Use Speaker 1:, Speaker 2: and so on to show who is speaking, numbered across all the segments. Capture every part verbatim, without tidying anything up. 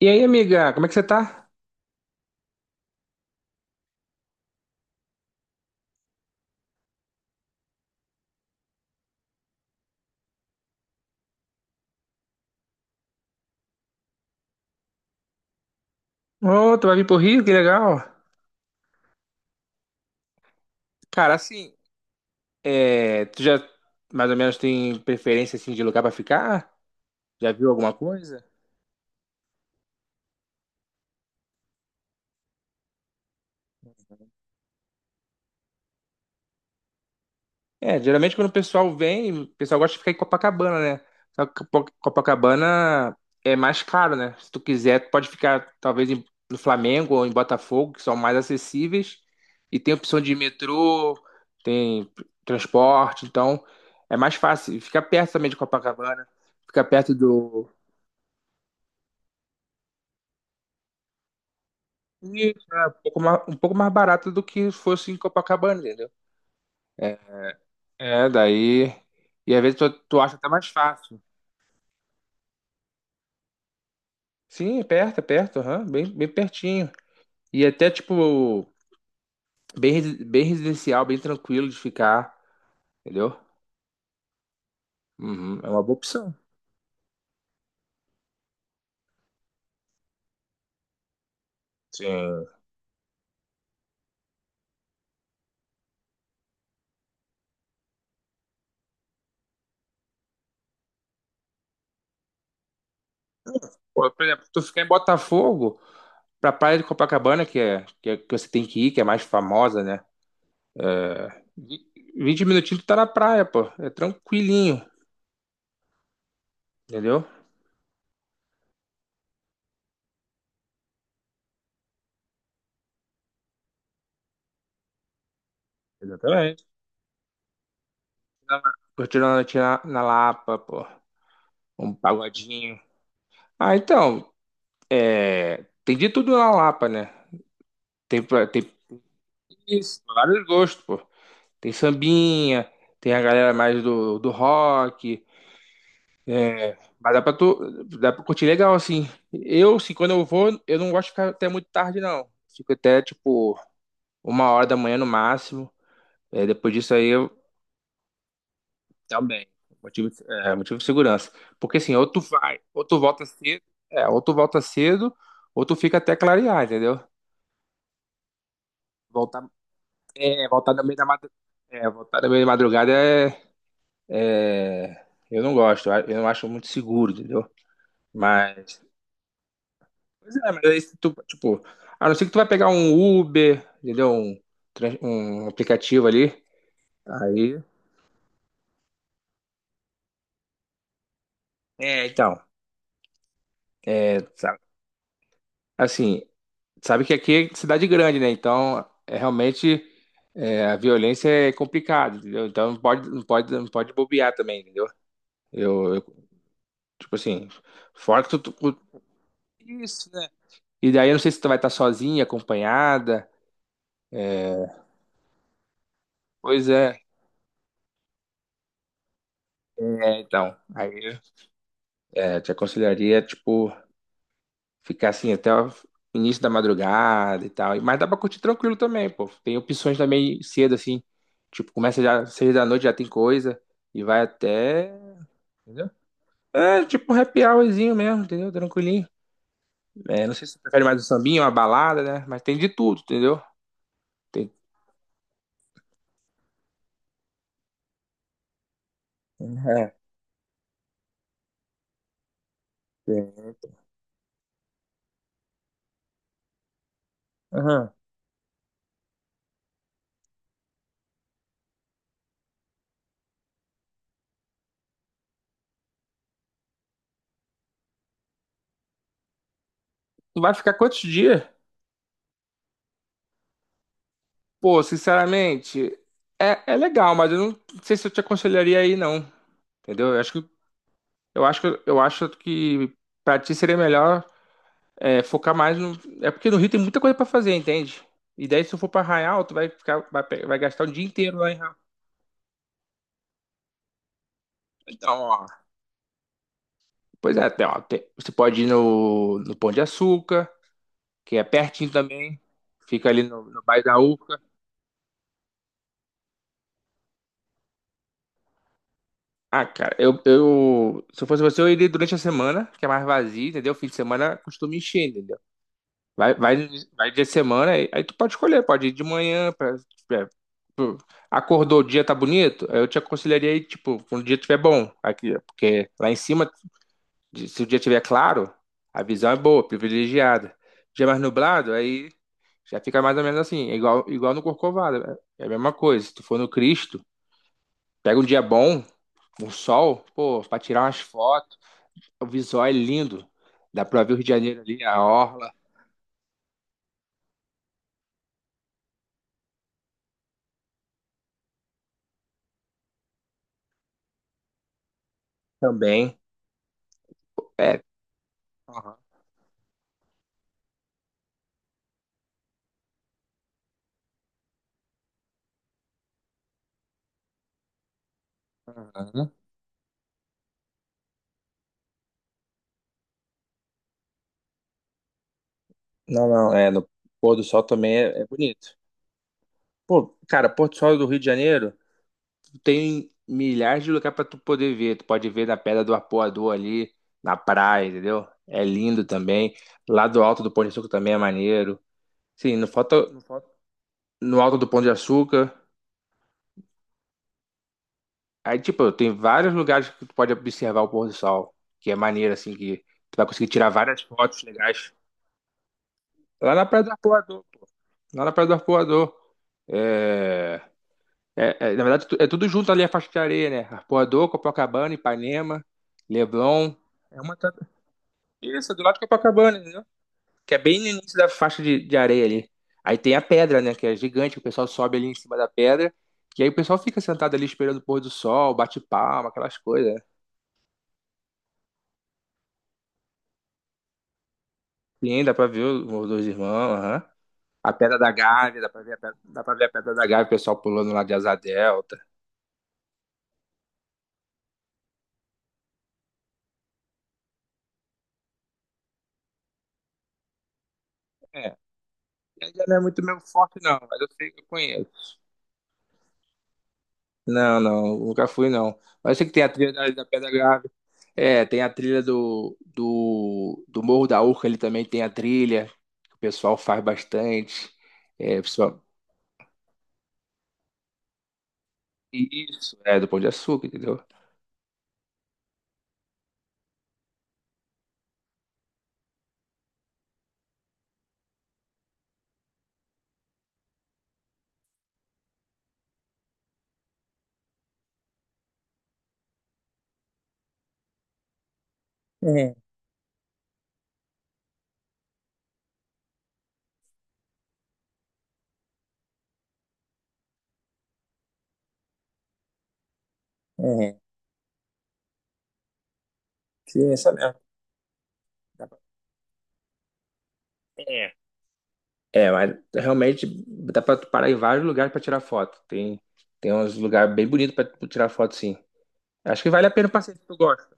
Speaker 1: E aí, amiga, como é que você tá? Ô, tu vai vir pro Rio, que legal. Cara, assim, é, tu já mais ou menos tem preferência assim de lugar pra ficar? Já viu alguma coisa? É, geralmente quando o pessoal vem, o pessoal gosta de ficar em Copacabana, né? Só que Copa- Copacabana é mais caro, né? Se tu quiser, tu pode ficar talvez em- no Flamengo ou em Botafogo, que são mais acessíveis, e tem opção de metrô, tem transporte, então é mais fácil. E fica perto também de Copacabana, fica perto do. Isso, é um pouco mais, um pouco mais barato do que fosse em Copacabana, entendeu? É, é, daí. E às vezes tu, tu acha até mais fácil. Sim, é perto, é perto, aham, bem, bem pertinho. E até, tipo, bem, resi- bem residencial, bem tranquilo de ficar, entendeu? Uhum, é uma boa opção. Sim. Pô, por exemplo, tu ficar em Botafogo, pra Praia de Copacabana, que é, que é- que você tem que ir, que é mais famosa, né? Vi- vinte minutinhos tu tá na praia, pô. É tranquilinho, entendeu? Exatamente. Curtindo a noite na, na Lapa, pô. Um pagodinho. Ah, então, é, tem de tudo na Lapa, né? Tem, pra- tem Isso, vários gostos, pô. Tem sambinha, tem a galera mais do, do rock, mas dá pra tu, dá pra curtir legal, assim. Eu, assim, quando eu vou, eu não gosto de ficar até muito tarde, não. Fico até, tipo, uma hora da manhã no máximo. É, depois disso aí eu também. Motivo, é, motivo de segurança. Porque assim, ou tu vai, ou tu volta cedo, é, ou tu volta cedo, ou tu fica até clarear, entendeu? Voltar, é, voltar no meio da madrugada. É, voltar no meio da madrugada é. É, eu não gosto, eu não acho muito seguro, entendeu? Mas, pois é, mas aí se tu, tipo, a não ser que tu vai pegar um Uber, entendeu? Um, tran- um aplicativo ali, aí... É, então, é, sabe, assim, sabe que aqui é cidade grande, né? Então, é realmente, é, a violência é complicada, entendeu? Então, não pode, não pode, não pode bobear também, entendeu? Eu, eu, tipo assim, fora que tu... tu- Isso, né? E daí, eu não sei se tu vai estar sozinha, acompanhada, pois é. É, então, aí é, te aconselharia, tipo, ficar assim até o início da madrugada e tal. Mas dá pra curtir tranquilo também, pô. Tem opções também cedo, assim. Tipo, começa já seis da noite, já tem coisa. E vai até. Entendeu? É, tipo um happy hourzinho mesmo, entendeu? Tranquilinho. É, não sei se você prefere mais um sambinho, uma balada, né? Mas tem de tudo, entendeu? Tem. É, tem. Aham. Tu vai ficar quantos dias? Pô, sinceramente, é, é legal, mas eu não sei se eu te aconselharia aí, não. Entendeu? Eu acho que Eu acho, que- eu acho que pra ti seria melhor é, focar mais no. É porque no Rio tem muita coisa pra fazer, entende? E daí, se tu for pra Arraial, tu vai ficar, vai, pe- vai gastar o dia inteiro lá em Arraial. Então, ó. Pois é, tem, ó, tem- você pode ir no, no Pão de Açúcar, que é pertinho também. Fica ali no, no bairro da Urca. Ah, cara, eu, eu. Se eu fosse você, eu iria durante a semana, que é mais vazio, entendeu? Fim de semana costuma encher, entendeu? Vai, vai, vai dia de semana, aí, aí tu pode escolher, pode ir de manhã, pra. Acordou, o dia tá bonito? Aí eu te aconselharia aí, tipo, quando o dia tiver bom, aqui, porque lá em cima, de- se o dia tiver claro, a visão é boa, privilegiada. Dia mais nublado, aí já fica mais ou menos assim, é igual, igual no Corcovado, né? é é a mesma coisa. Se tu for no Cristo, pega um dia bom, um sol, pô, pra tirar umas fotos, o visual é lindo. Dá pra ver o Rio de Janeiro ali, a orla também. É. Aham, aham. Não, não, é, no pôr do sol também é é bonito. Pô, cara, Porto Sol do Rio de Janeiro tem milhares de lugares pra tu poder ver. Tu pode ver na Pedra do Apoador ali, na praia, entendeu? É lindo também. Lá do Alto do Pão de Açúcar também é maneiro. Sim, não falta Não falta. No Alto do Pão de Açúcar. Aí, tipo, tem vários lugares que tu pode observar o pôr do sol, que é maneiro, assim, que tu vai conseguir tirar várias fotos legais. Lá na Praia do Arpoador, lá na Praia do Arpoador. É, é, é, na verdade, tu- é tudo junto ali a faixa de areia, né? Arpoador, Copacabana, Ipanema, Leblon. É uma. tra- Isso, é do lado de Copacabana, entendeu? Que é bem no início da faixa de, de areia ali. Aí tem a pedra, né? Que é gigante, o pessoal sobe ali em cima da pedra. E aí o pessoal fica sentado ali esperando o pôr do sol, bate palma, aquelas coisas, né? Sim, dá pra ver os dois irmãos, aham. A Pedra da Gávea, dá pra ver a Pedra, dá pra ver a Pedra da Gávea, o pessoal pulando lá de asa delta. É, ainda não é muito meu forte, não, mas eu sei que eu conheço. Não, não, nunca fui não. Mas eu sei que tem a trilha da, da Pedra Grave. É, tem a trilha do, do, do Morro da Urca ali também tem a trilha. Que O pessoal faz bastante. É, pessoal... Isso, é do Pão de Açúcar, entendeu? É, é, que é essa mesmo. Dá pra- É. É, mas realmente dá pra tu parar em vários lugares pra tirar foto. Tem, tem uns lugares bem bonitos pra tu tirar foto, sim. Acho que vale a pena passear se tu gosta.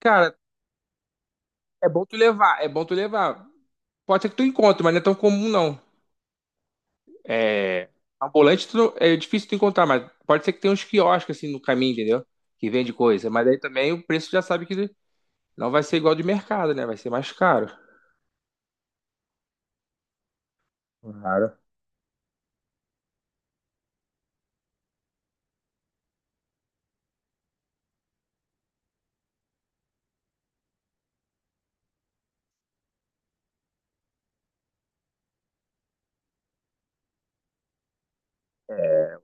Speaker 1: Cara, é bom tu levar, é bom tu levar. Pode ser que tu encontre, mas não é tão comum não. É, ambulante tu não- é difícil tu encontrar, mas pode ser que tenha uns quiosques assim no caminho, entendeu? Que vende coisa. Mas aí também o preço já sabe que não vai ser igual de mercado, né? Vai ser mais caro. Claro.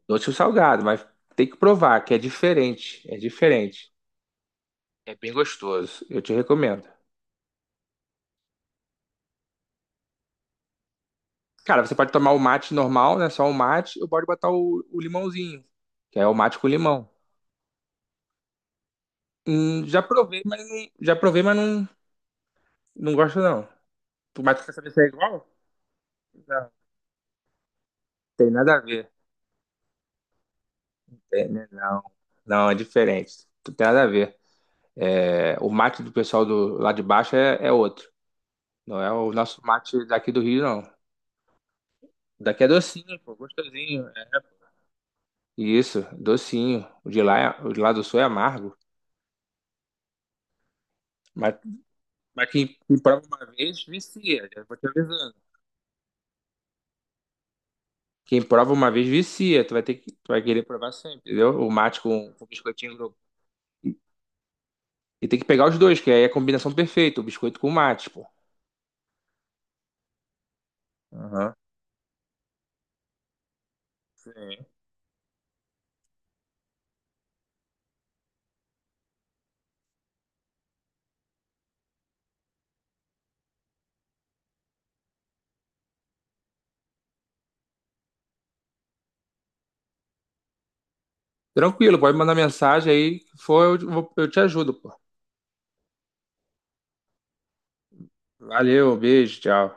Speaker 1: Doce ou salgado, mas tem que provar que é diferente. É diferente. É bem gostoso. Eu te recomendo. Cara, você pode tomar o mate normal, né? Só o mate, ou pode botar o, o limãozinho, que é o mate com limão. Hum, já provei, mas não, já provei, mas não, não gosto não. Tu- Mas tu quer saber se é igual? Tem nada a ver. Tem, né? Não, não, é diferente. Não tem nada a ver. É, o mate do pessoal do, lá de baixo é, é outro. Não é o nosso mate daqui do Rio, não. Daqui é docinho, pô, gostosinho. É. Isso, docinho. O de lá, é- o de lá do sul é amargo. Mas, mas quem, quem prova uma vez, vicia. Já vou te avisando. Quem prova uma vez, vicia. Tu vai ter que, tu vai querer provar sempre, entendeu? O mate com, com biscoitinho. E, e tem que pegar os dois, que aí é a combinação perfeita. O biscoito com o mate, pô. Aham. Tranquilo, pode mandar mensagem aí. Se for, eu, eu te ajudo, pô. Valeu, beijo, tchau.